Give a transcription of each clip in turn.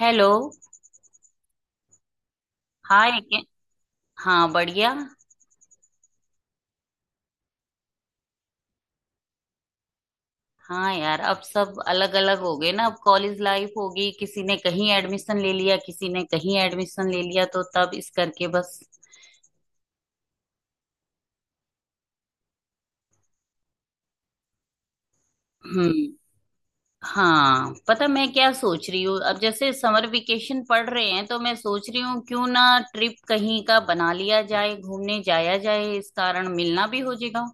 Hello. Hi के- हाँ, बढ़िया। हाँ यार, अब सब अलग अलग हो गए ना। अब कॉलेज लाइफ होगी, किसी ने कहीं एडमिशन ले लिया, किसी ने कहीं एडमिशन ले लिया, तो तब इस करके बस। हम्म। हाँ, पता मैं क्या सोच रही हूँ, अब जैसे समर वेकेशन पड़ रहे हैं तो मैं सोच रही हूँ क्यों ना ट्रिप कहीं का बना लिया जाए, घूमने जाया जाए, इस कारण मिलना भी हो जाएगा।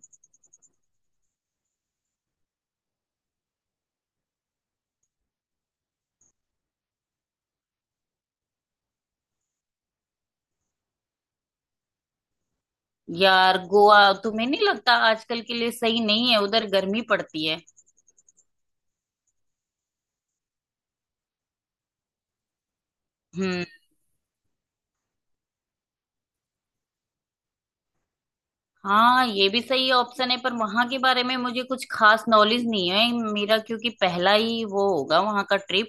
यार गोवा, तुम्हें नहीं लगता आजकल के लिए सही नहीं है, उधर गर्मी पड़ती है। हम्म। हाँ ये भी सही ऑप्शन है, पर वहां के बारे में मुझे कुछ खास नॉलेज नहीं है मेरा, क्योंकि पहला ही वो होगा वहां का ट्रिप।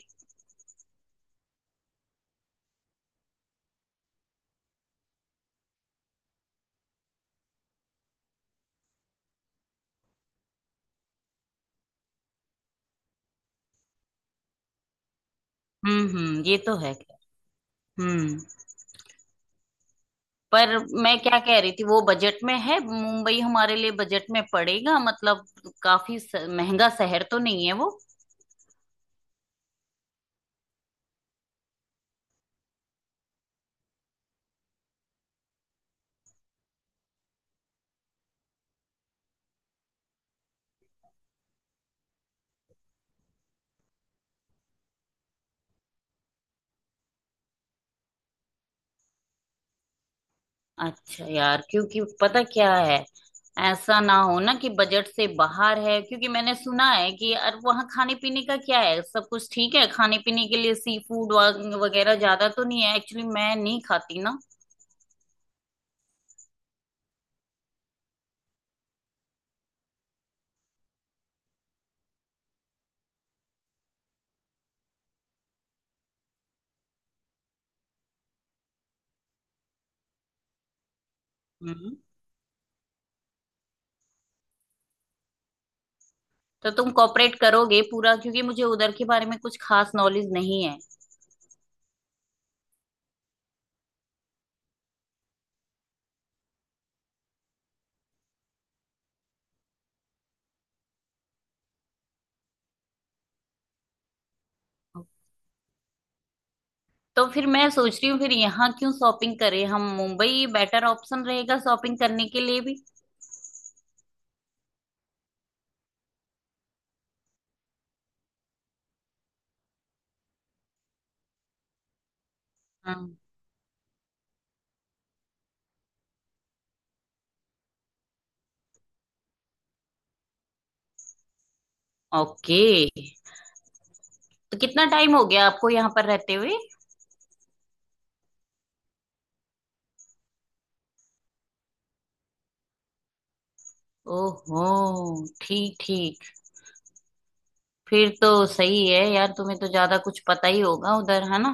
हम्म, ये तो है। हम्म। पर मैं क्या कह रही थी, वो बजट में है मुंबई? हमारे लिए बजट में पड़ेगा मतलब? काफी महंगा शहर तो नहीं है वो? अच्छा यार, क्योंकि पता क्या है, ऐसा ना हो ना कि बजट से बाहर है। क्योंकि मैंने सुना है कि यार वहाँ खाने पीने का क्या है, सब कुछ ठीक है खाने पीने के लिए? सी फूड वगैरह ज्यादा तो नहीं है, एक्चुअली मैं नहीं खाती ना। हम्म। तो तुम कॉपरेट करोगे पूरा, क्योंकि मुझे उधर के बारे में कुछ खास नॉलेज नहीं है। तो फिर मैं सोच रही हूँ, फिर यहाँ क्यों शॉपिंग करें हम, मुंबई बेटर ऑप्शन रहेगा शॉपिंग करने के लिए भी। हम्म। ओके। तो कितना टाइम हो गया आपको यहाँ पर रहते हुए? ओहो, ठीक ठीक। फिर तो सही है यार, तुम्हें तो ज्यादा कुछ पता ही होगा उधर, है ना?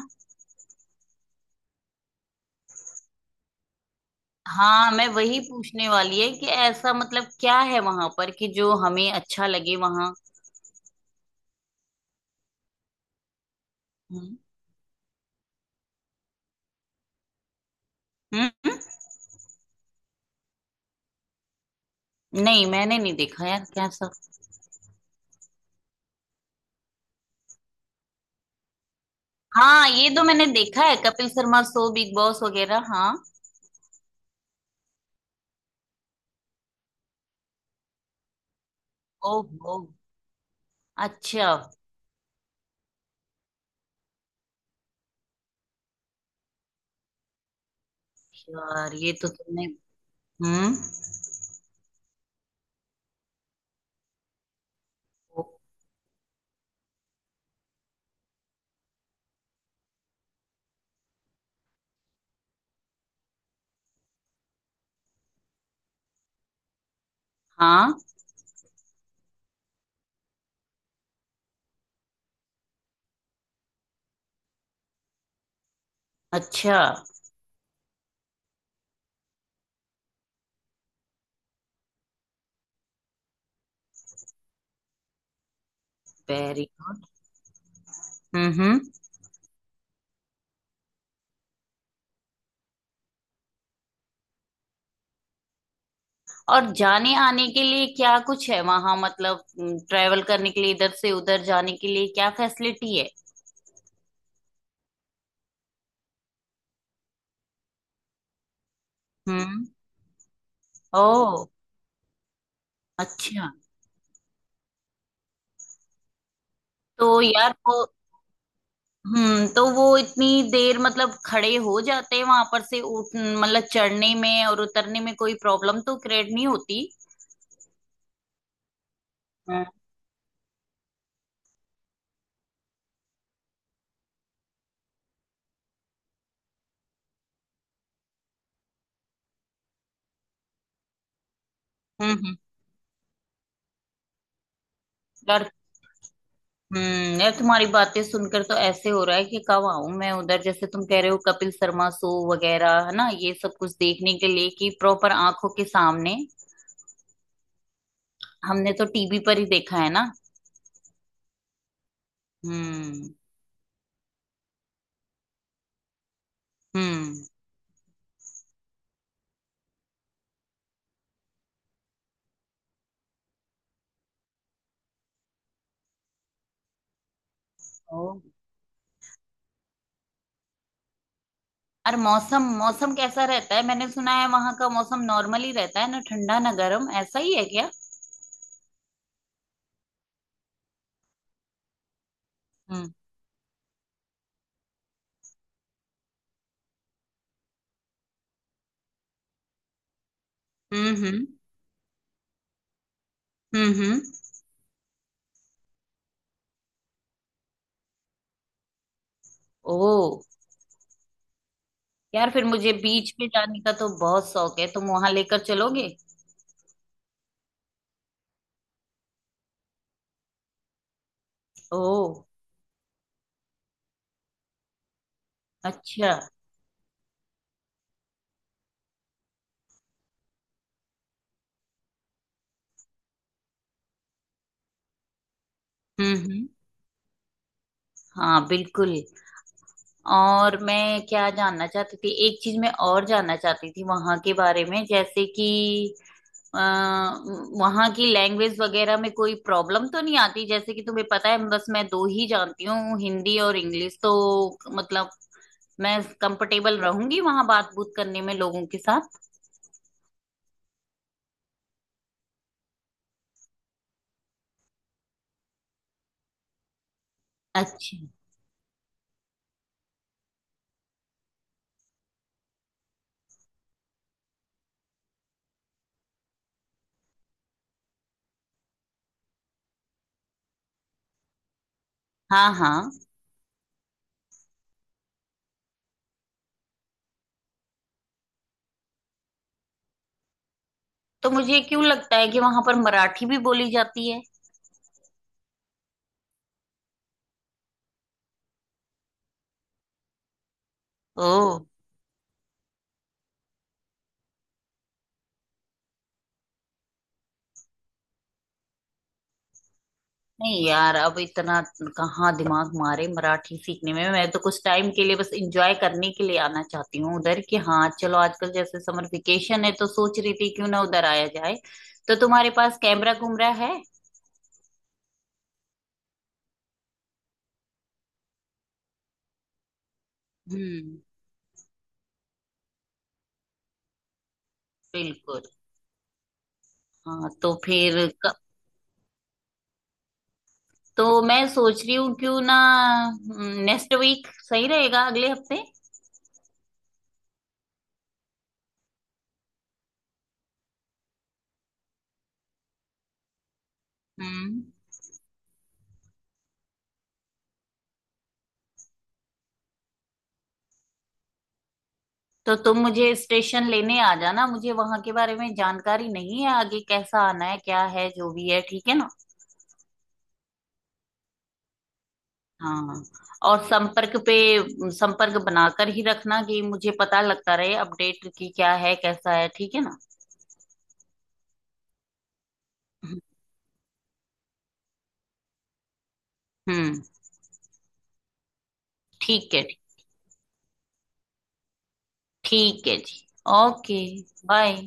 हाँ, मैं वही पूछने वाली है कि ऐसा मतलब क्या है वहां पर कि जो हमें अच्छा लगे वहां। हम्म हम्म? हम्म। नहीं, मैंने नहीं देखा यार, क्या सब। हाँ ये तो मैंने देखा है, Kapil Sharma show, Bigg Boss वगैरह, हाँ। ओहो। अच्छा। यार ये तो तुमने। हम्म। हाँ। अच्छा। वेरी। हम्म। और जाने आने के लिए क्या कुछ है वहां, मतलब ट्रेवल करने के लिए इधर से उधर जाने के लिए क्या फैसिलिटी है? हम्म। ओ। अच्छा। तो यार वो। हम्म, तो वो इतनी देर मतलब खड़े हो जाते हैं वहां पर से, उठ मतलब चढ़ने में और उतरने में कोई प्रॉब्लम तो क्रिएट नहीं होती? हम्म हम्म। यार, हम्म, यार तुम्हारी बातें सुनकर तो ऐसे हो रहा है कि कब आऊं मैं उधर, जैसे तुम कह रहे हो कपिल शर्मा शो वगैरह है ना, ये सब कुछ देखने के लिए कि प्रॉपर आंखों के सामने। हमने तो टीवी पर ही देखा है ना। हम्म हम्म। ओ। और मौसम मौसम कैसा रहता है, मैंने सुना है वहां का मौसम नॉर्मल ही रहता है ना, ठंडा ना गर्म, ऐसा ही है क्या? हम्म हम्म। हम्म हम्म। ओ। यार फिर मुझे बीच पे जाने का तो बहुत शौक है, तुम वहां लेकर चलोगे? ओ। अच्छा। हम्म। हाँ बिल्कुल। और मैं क्या जानना चाहती थी, एक चीज मैं और जानना चाहती थी वहां के बारे में, जैसे कि अ, वहाँ की लैंग्वेज वगैरह में कोई प्रॉब्लम तो नहीं आती? जैसे कि तुम्हें पता है बस मैं दो ही जानती हूँ, हिंदी और इंग्लिश। तो मतलब मैं कंफर्टेबल रहूंगी वहाँ बात बूत करने में लोगों के साथ? अच्छा। हाँ हाँ। तो मुझे क्यों लगता है कि वहां पर मराठी भी बोली जाती है? ओ। नहीं यार, अब इतना कहाँ दिमाग मारे मराठी सीखने में, मैं तो कुछ टाइम के लिए बस एंजॉय करने के लिए आना चाहती हूँ उधर, कि हाँ चलो, आजकल जैसे समर वेकेशन है तो सोच रही थी क्यों ना उधर आया जाए। तो तुम्हारे पास कैमरा कुमरा है? हम्म। बिल्कुल। हाँ तो फिर तो मैं सोच रही हूँ क्यों ना नेक्स्ट वीक सही रहेगा, अगले हफ्ते। हम्म। तो तुम मुझे स्टेशन लेने आ जाना, मुझे वहां के बारे में जानकारी नहीं है आगे कैसा आना है क्या है जो भी है, ठीक है ना? हाँ। और संपर्क पे, संपर्क बनाकर ही रखना कि मुझे पता लगता रहे अपडेट की क्या है कैसा है, ठीक है ना? हम्म। ठीक है। ठीक है जी। ओके। बाय।